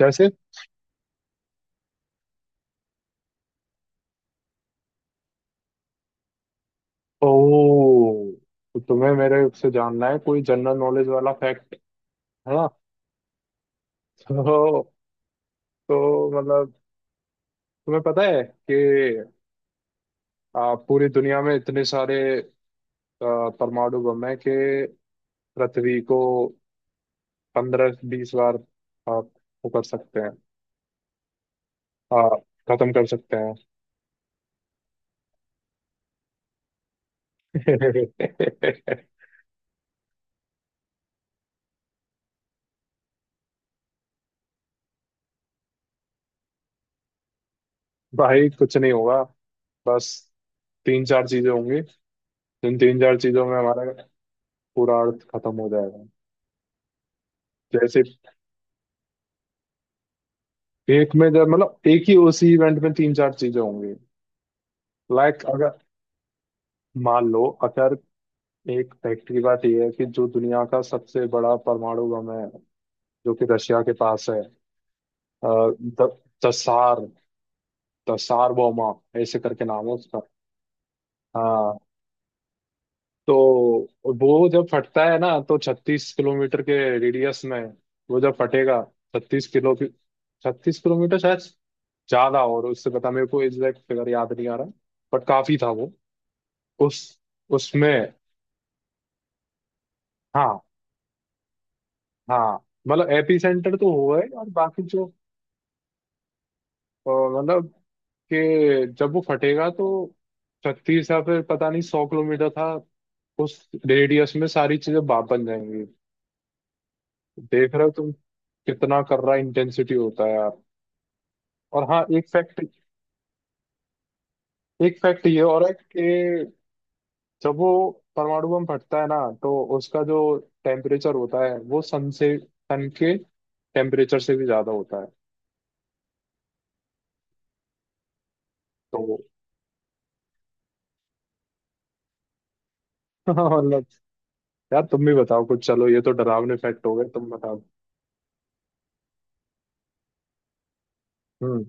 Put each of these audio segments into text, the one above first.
जैसे। ओ, तो तुम्हें मेरे से जानना है कोई जनरल नॉलेज वाला फैक्ट, है ना? तो तो मतलब, तुम्हें पता है कि पूरी दुनिया में इतने सारे परमाणु बम हैं कि पृथ्वी को 15-20 बार वो कर सकते हैं, आ, खत्म कर सकते हैं। भाई कुछ नहीं होगा। बस तीन चार चीजें होंगी, जिन तीन चार चीजों में हमारा पूरा अर्थ खत्म हो जाएगा। जैसे, एक में जब, मतलब एक ही उसी इवेंट में तीन चार चीजें होंगी। लाइक अगर, मान लो, अगर एक फैक्ट की बात यह है कि जो दुनिया का सबसे बड़ा परमाणु बम है, जो कि रशिया के पास है। अ, द, दसार, दसार बोमा, ऐसे करके नाम है उसका। हाँ। तो वो जब फटता है ना, तो 36 किलोमीटर के रेडियस में, वो जब फटेगा, 36 किलो की, 36 किलोमीटर शायद ज्यादा, और उससे पता, मेरे को एग्जैक्ट फिगर याद नहीं आ रहा, बट काफी था वो। उस उसमें। हाँ, हाँ, मतलब एपी सेंटर तो हुआ है, और बाकी जो, मतलब कि जब वो फटेगा, तो 36 या फिर पता नहीं 100 किलोमीटर था, उस रेडियस में सारी चीजें बाप बन जाएंगी। देख रहे हो तुम कितना कर रहा इंटेंसिटी होता है यार। और हाँ, एक फैक्ट, एक फैक्ट ये और है कि जब वो परमाणु बम फटता है ना, तो उसका जो टेम्परेचर होता है, वो सन से, सन के टेम्परेचर से भी ज्यादा होता है। तो मतलब, यार तुम भी बताओ कुछ, चलो ये तो डरावने फैक्ट हो गए, तुम बताओ। हम्म।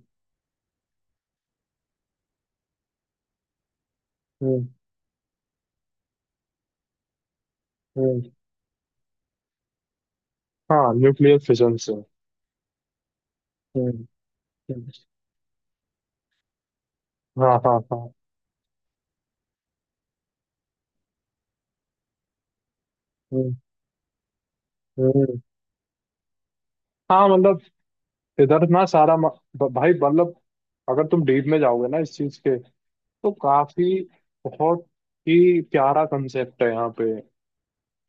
हम्म। हम्म। हाँ, न्यूक्लियर फिशन से। हम्म। हम्म। हाँ हाँ हाँ। हम्म। हम्म। हाँ मतलब इधर ना सारा भाई मतलब, अगर तुम डीप में जाओगे ना इस चीज के, तो काफी, बहुत ही प्यारा कंसेप्ट है यहाँ पे,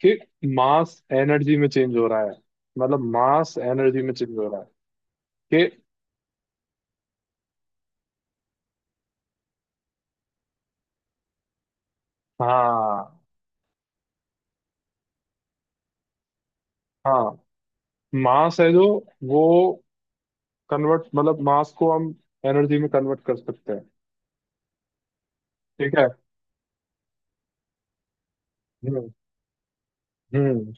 कि मास एनर्जी में चेंज हो रहा है, मतलब मास एनर्जी में चेंज हो रहा है कि। हाँ हाँ। मास है जो, वो कन्वर्ट, मतलब मास को हम एनर्जी में कन्वर्ट कर सकते हैं। ठीक है। हम्म। हम्म।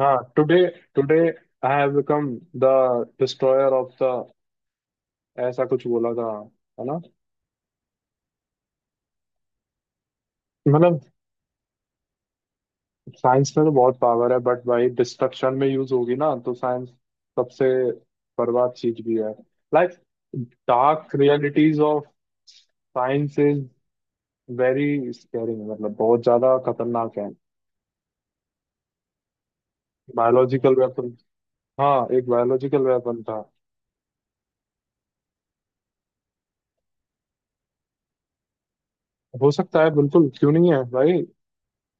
हाँ। Today today, I have become the destroyer of the, ऐसा कुछ बोला था, है ना? मतलब, साइंस में तो बहुत पावर है, बट भाई डिस्ट्रक्शन में यूज होगी ना, तो साइंस सबसे बर्बाद चीज भी है। Like, dark realities of science is very scaring, मतलब बहुत ज्यादा खतरनाक है। Biological weapon. हाँ, एक बायोलॉजिकल वेपन था। हो सकता है, बिल्कुल, क्यों नहीं है भाई।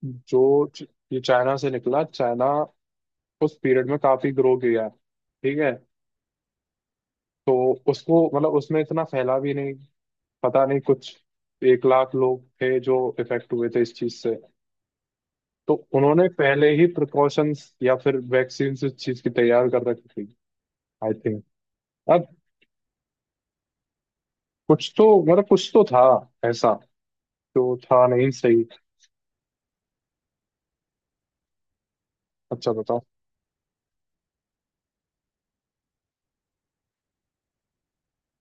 जो च- ये चाइना से निकला, चाइना उस पीरियड में काफी ग्रो किया है, ठीक है। तो उसको, मतलब उसमें इतना फैला भी नहीं, पता नहीं कुछ 1,00,000 लोग थे जो इफेक्ट हुए थे इस चीज से, तो उन्होंने पहले ही प्रिकॉशंस या फिर वैक्सीन इस चीज की तैयार कर रखी थी, आई थिंक। अब कुछ तो, मतलब कुछ तो था ऐसा, जो था नहीं सही। अच्छा बताओ।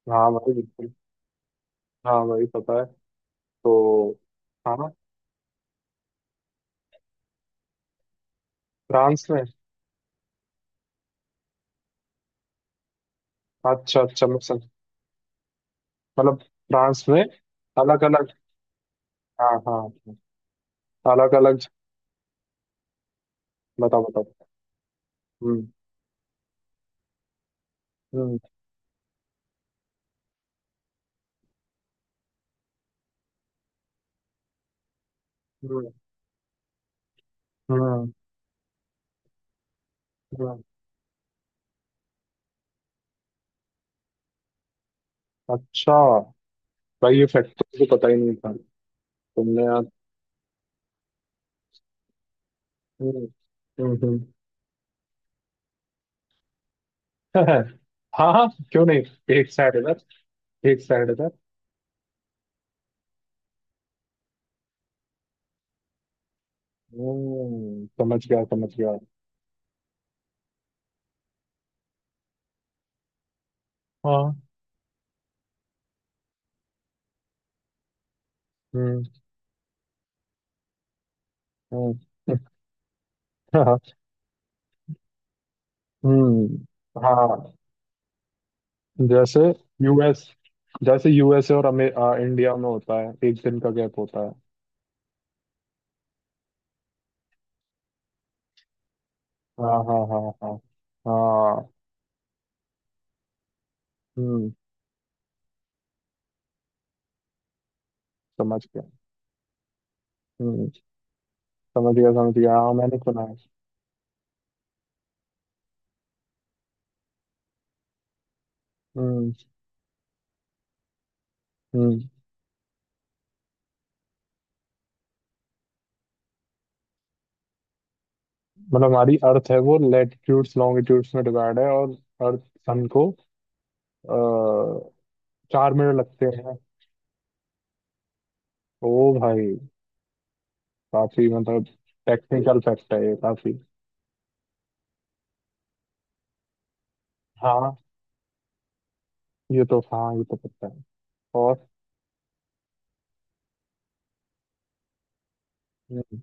हाँ भाई बिल्कुल। हाँ भाई पता है। तो, हाँ, फ्रांस में। अच्छा अच्छा, मैं समझ, मतलब फ्रांस में अलग अलग। हाँ हाँ, अलग अलग। बताओ बताओ। हम्म। हम्म। हम्म। हम्म। हम्म। अच्छा, भाई ये फैक्ट तो मुझे पता ही नहीं था। तुमने यार। हम्म। हम्म। हम्म। हाँ हाँ, क्यों नहीं। एक साइड इधर, एक साइड इधर। हम्म, समझ गया समझ गया। हाँ। हम्म। हम्म। हाँ। हम्म। हाँ। जैसे यूएस, जैसे यूएसए और इंडिया में होता है, एक दिन का गैप होता है। हाँ हाँ हाँ हाँ हाँ। हाँ। हम्म, समझ गया। हम्म, समझ गया, समझ गया, हाँ मैंने सुना है। हम्म। हम्म। मतलब हमारी अर्थ है, वो लैटिट्यूड्स लॉन्गिट्यूड्स में डिवाइड है और अर्थ, सन को, आ, 4 मिनट लगते हैं। ओ भाई, काफी मतलब टेक्निकल फैक्ट है ये काफी। हाँ ये तो, हाँ ये तो पता है। और, हम्म।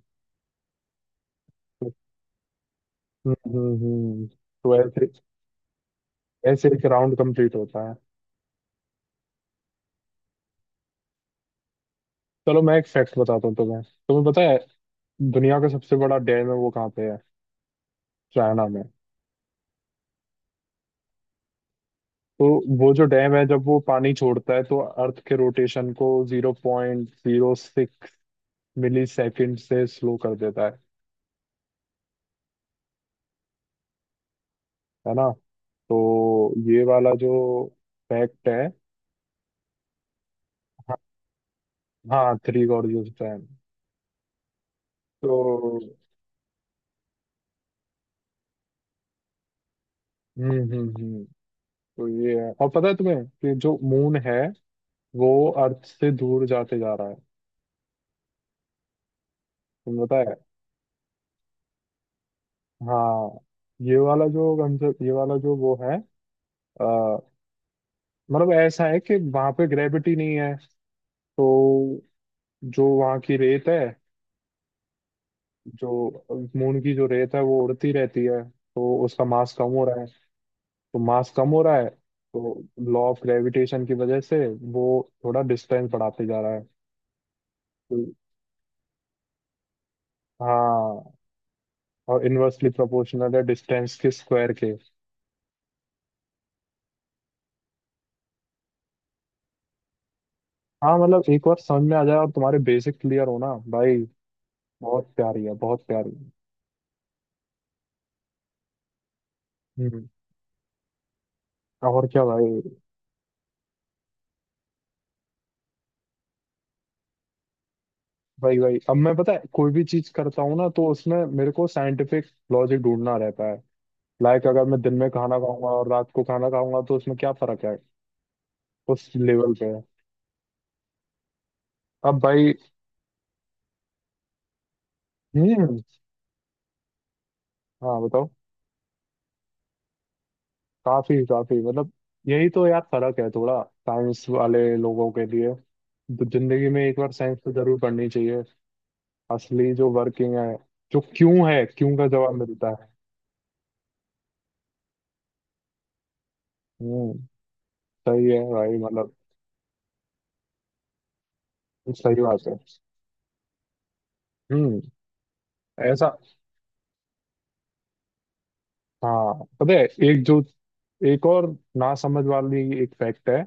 हम्म। हम्म। तो ऐसे, ऐसे एक राउंड कंप्लीट होता है। चलो मैं एक फैक्ट बताता हूँ तुम्हें। तुम्हें पता है दुनिया का सबसे बड़ा डैम है वो कहाँ पे है? चाइना में। तो वो जो डैम है, जब वो पानी छोड़ता है, तो अर्थ के रोटेशन को 0.06 मिली सेकेंड से स्लो कर देता है ना? तो ये वाला जो फैक्ट है। हाँ, हाँ, थ्री गॉर्जियस डैम। तो हम्म। हम्म। हम्म। तो ये है। और पता है तुम्हें कि जो मून है, वो अर्थ से दूर जाते जा रहा है? तुम्हें पता है? हाँ, ये वाला जो कंसेप्ट, ये वाला जो वो है, अ, मतलब ऐसा है कि वहां पे ग्रेविटी नहीं है, तो जो वहां की रेत है, जो मून की जो रेत है, वो उड़ती रहती है, तो उसका मास कम हो रहा है। तो मास कम हो रहा है, तो लॉ ऑफ ग्रेविटेशन की वजह से वो थोड़ा डिस्टेंस बढ़ाते जा रहा है। तो, हाँ, और इनवर्सली प्रोपोर्शनल है डिस्टेंस के स्क्वायर के। हाँ, मतलब एक बार समझ में आ जाए और तुम्हारे बेसिक क्लियर हो ना भाई, बहुत प्यारी है, बहुत प्यारी है। हम्म। और क्या भाई। भाई भाई, अब मैं पता है कोई भी चीज करता हूँ ना, तो उसमें मेरे को साइंटिफिक लॉजिक ढूंढना रहता है। लाइक, अगर मैं दिन में खाना खाऊंगा और रात को खाना खाऊंगा, तो उसमें क्या फर्क है, उस लेवल पे। अब भाई। हम्म। हाँ बताओ। काफी काफी मतलब, यही तो यार फर्क है थोड़ा। साइंस वाले लोगों के लिए तो, जिंदगी में एक बार साइंस तो जरूर पढ़नी चाहिए। असली जो वर्किंग है, जो क्यों है, क्यों का जवाब मिलता है। हम्म। सही है भाई, मतलब। सही बात है। हम्म। ऐसा। हाँ। पता है, एक जो, एक और ना समझ वाली एक फैक्ट है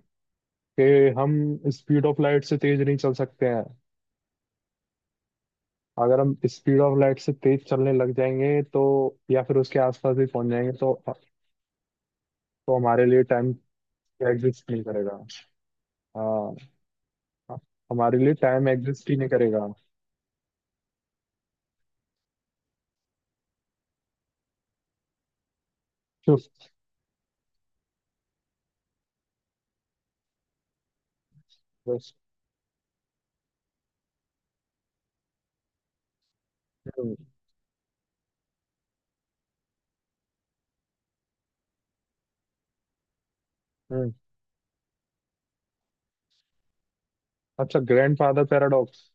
कि हम स्पीड ऑफ लाइट से तेज नहीं चल सकते हैं। अगर हम स्पीड ऑफ लाइट से तेज चलने लग जाएंगे, तो या फिर उसके आसपास भी पहुंच जाएंगे, तो हमारे लिए टाइम एग्जिस्ट नहीं करेगा। हाँ, हमारे लिए टाइम एग्जिस्ट ही नहीं करेगा। बस। बस। हम्म। हम्म। अच्छा, ग्रैंडफादर पैराडॉक्स।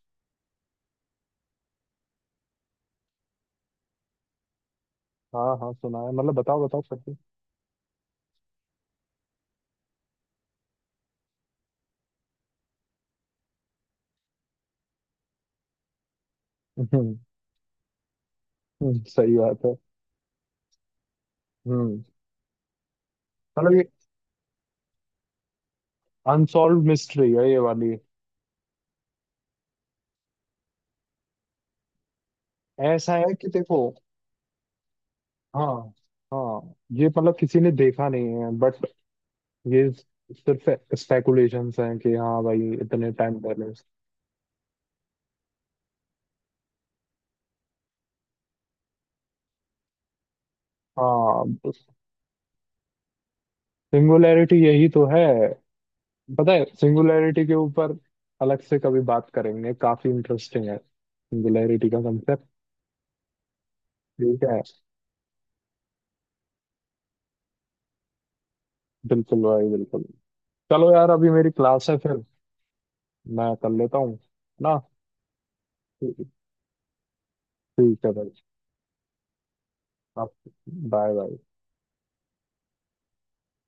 हाँ हाँ सुना है, मतलब बताओ बताओ करके। हम्म। सही बात है। हम्म। मतलब ये अनसॉल्व मिस्ट्री है ये वाली। ऐसा है कि देखो, हाँ हाँ, ये मतलब किसी ने देखा नहीं है, बट ये सिर्फ स्पेकुलेशंस हैं कि हाँ भाई इतने टाइम पहले। हाँ, सिंगुलैरिटी यही तो है। पता है, सिंगुलैरिटी के ऊपर अलग से कभी बात करेंगे, काफी इंटरेस्टिंग है सिंगुलैरिटी का कंसेप्ट। ठीक है, बिल्कुल भाई, बिल्कुल। चलो यार, अभी मेरी क्लास है, फिर मैं कर लेता हूँ ना। ठीक। ठीक है भाई। आप, बाय बाय।